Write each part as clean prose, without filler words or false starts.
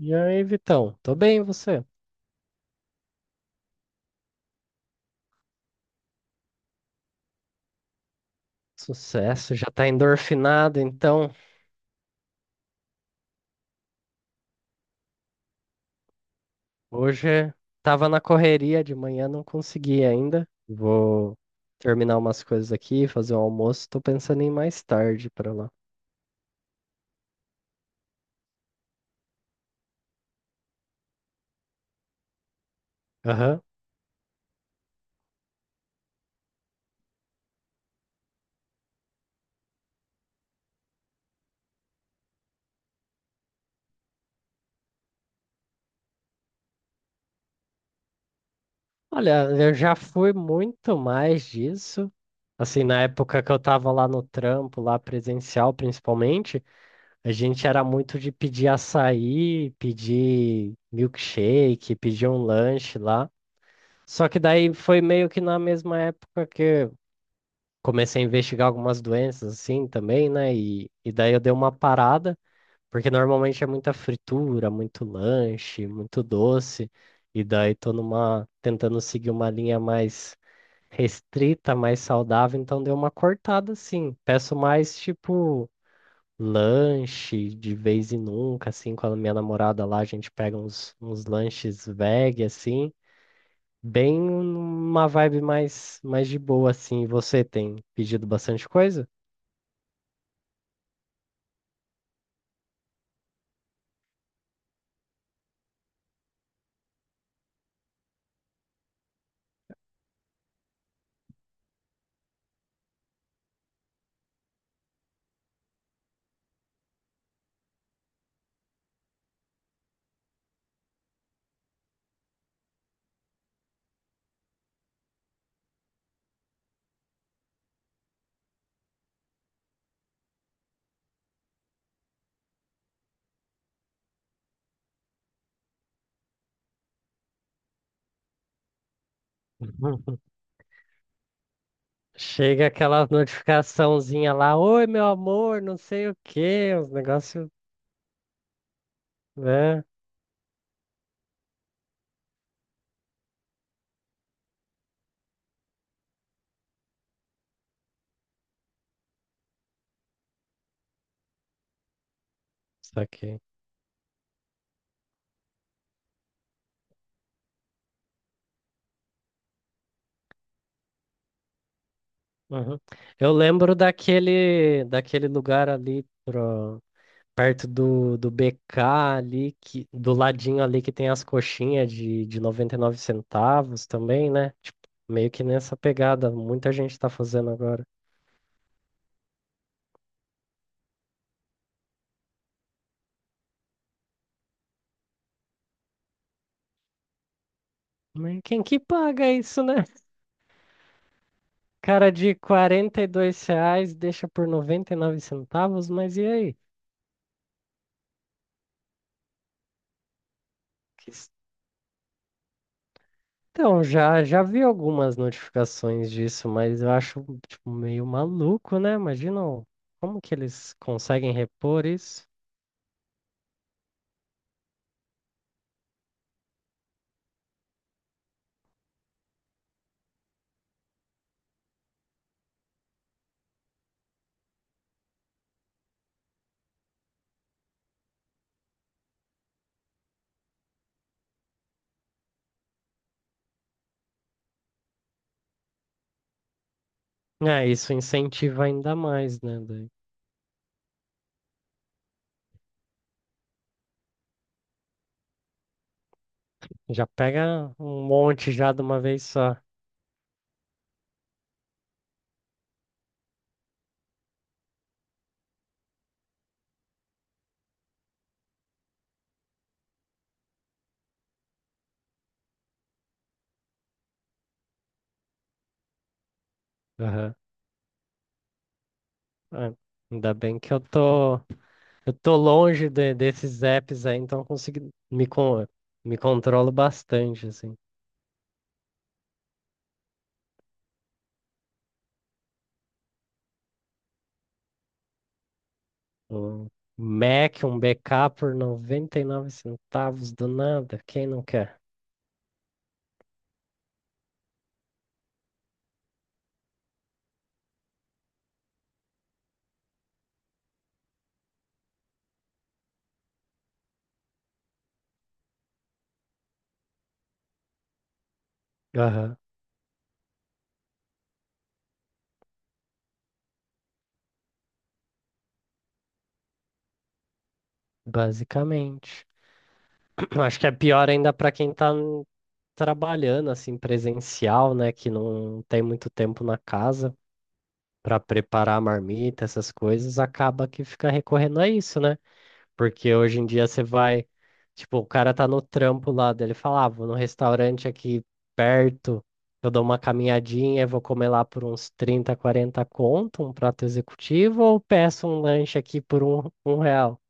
E aí, Vitão? Tô bem, e você? Sucesso, já tá endorfinado, então. Hoje tava na correria de manhã, não consegui ainda. Vou terminar umas coisas aqui, fazer um almoço. Tô pensando em ir mais tarde pra lá. Aham. Olha, eu já fui muito mais disso. Assim, na época que eu tava lá no trampo, lá presencial principalmente, a gente era muito de pedir açaí, pedir milkshake, pedir um lanche lá. Só que daí foi meio que na mesma época que eu comecei a investigar algumas doenças assim também, né? E daí eu dei uma parada, porque normalmente é muita fritura, muito lanche, muito doce, e daí tô numa tentando seguir uma linha mais restrita, mais saudável, então dei uma cortada assim. Peço mais tipo lanche de vez em nunca, assim, com a minha namorada lá, a gente pega uns lanches veg assim. Bem uma vibe mais, mais de boa, assim. Você tem pedido bastante coisa? Chega aquela notificaçãozinha lá, oi, meu amor, não sei o quê, os negócios, né? Saquei. Uhum. Eu lembro daquele lugar ali pro, perto do BK ali, que, do ladinho ali que tem as coxinhas de 99 centavos também, né? Tipo, meio que nessa pegada, muita gente tá fazendo agora. Mas quem que paga isso, né? Cara, de 42 reais deixa por 99 centavos, mas e aí? Que s- Então, já vi algumas notificações disso, mas eu acho tipo, meio maluco, né? Como que eles conseguem repor isso. É, isso incentiva ainda mais, né, daí? Já pega um monte já de uma vez só. Aham. É, ainda bem que eu tô... Eu tô longe de- desses apps aí, então eu consigo me, con- me controlo bastante, assim. Um Mac, um BK por 99 centavos do nada, quem não quer? Aham. Basicamente. Acho que é pior ainda para quem tá n- trabalhando, assim, presencial, né? Que não tem muito tempo na casa para preparar a marmita, essas coisas, acaba que fica recorrendo a isso, né? Porque hoje em dia você vai, tipo, o cara tá no trampo lá dele, fala, ah, vou num restaurante aqui perto, eu dou uma caminhadinha, vou comer lá por uns 30 40 conto, um prato executivo, ou peço um lanche aqui por um real.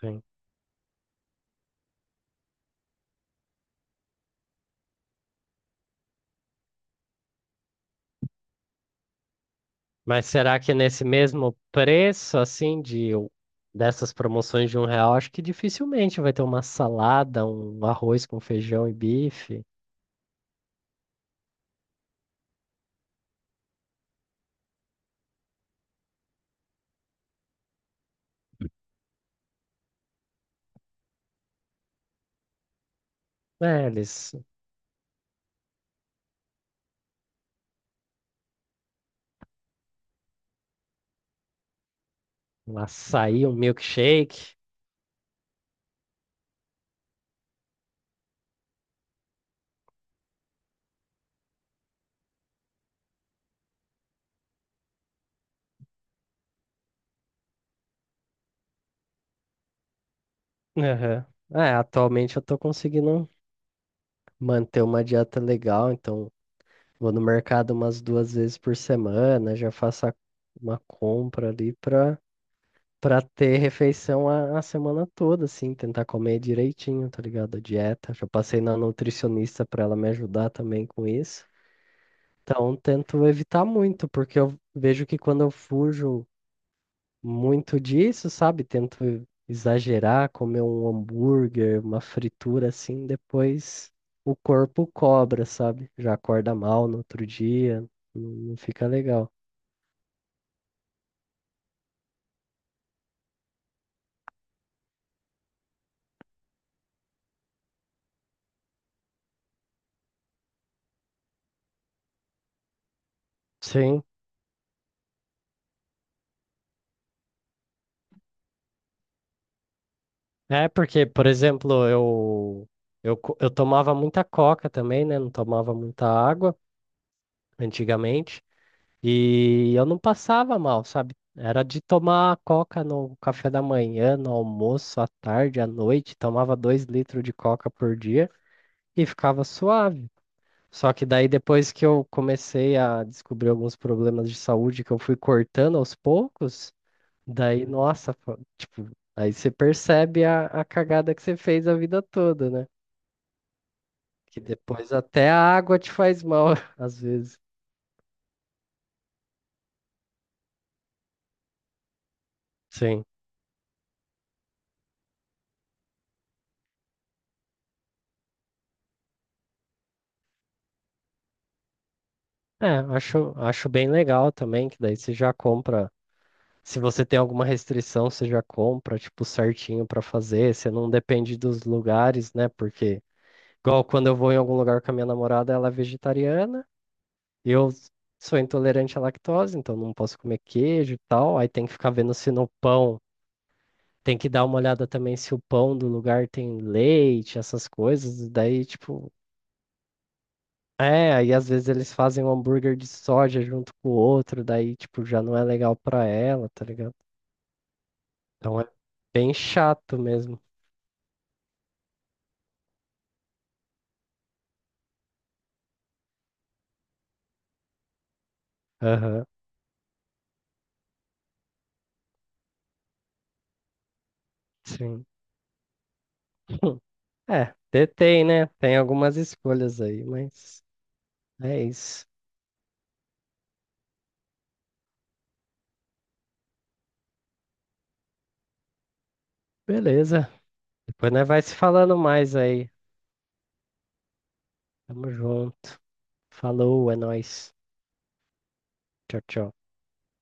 Sim. Mas será que nesse mesmo preço, assim, dessas promoções de um real, acho que dificilmente vai ter uma salada, um arroz com feijão e bife, né? Eles, um açaí, um milkshake. Aham. É, atualmente eu tô conseguindo manter uma dieta legal, então vou no mercado umas 2 vezes por semana, uma compra ali pra, pra ter refeição a semana toda, assim, tentar comer direitinho, tá ligado? A dieta. Já passei na nutricionista pra ela me ajudar também com isso. Então, tento evitar muito, porque eu vejo que quando eu fujo muito disso, sabe? Tento exagerar, comer um hambúrguer, uma fritura assim, depois o corpo cobra, sabe? Já acorda mal no outro dia, não fica legal. Sim. É porque, por exemplo, eu tomava muita coca também, né? Não tomava muita água antigamente. E eu não passava mal, sabe? Era de tomar coca no café da manhã, no almoço, à tarde, à noite. Tomava 2 litros de coca por dia e ficava suave. Só que daí depois que eu comecei a descobrir alguns problemas de saúde que eu fui cortando aos poucos, daí, nossa, tipo, aí você percebe a cagada que você fez a vida toda, né? Que depois até a água te faz mal, às vezes. Sim. É, acho, acho bem legal também, que daí você já compra. Se você tem alguma restrição, você já compra, tipo, certinho pra fazer. Você não depende dos lugares, né? Porque... Igual quando eu vou em algum lugar com a minha namorada, ela é vegetariana, eu sou intolerante à lactose, então não posso comer queijo e tal. Aí tem que ficar vendo se no pão, tem que dar uma olhada também se o pão do lugar tem leite, essas coisas. Daí, tipo, é, aí às vezes eles fazem um hambúrguer de soja junto com o outro, daí, tipo, já não é legal pra ela, tá ligado? Então é bem chato mesmo. Aham, sim. É, detém, né? Tem algumas escolhas aí, mas é isso. Beleza. Depois nós vai se falando mais aí. Tamo junto. Falou, é nóis. Tchau, tchau.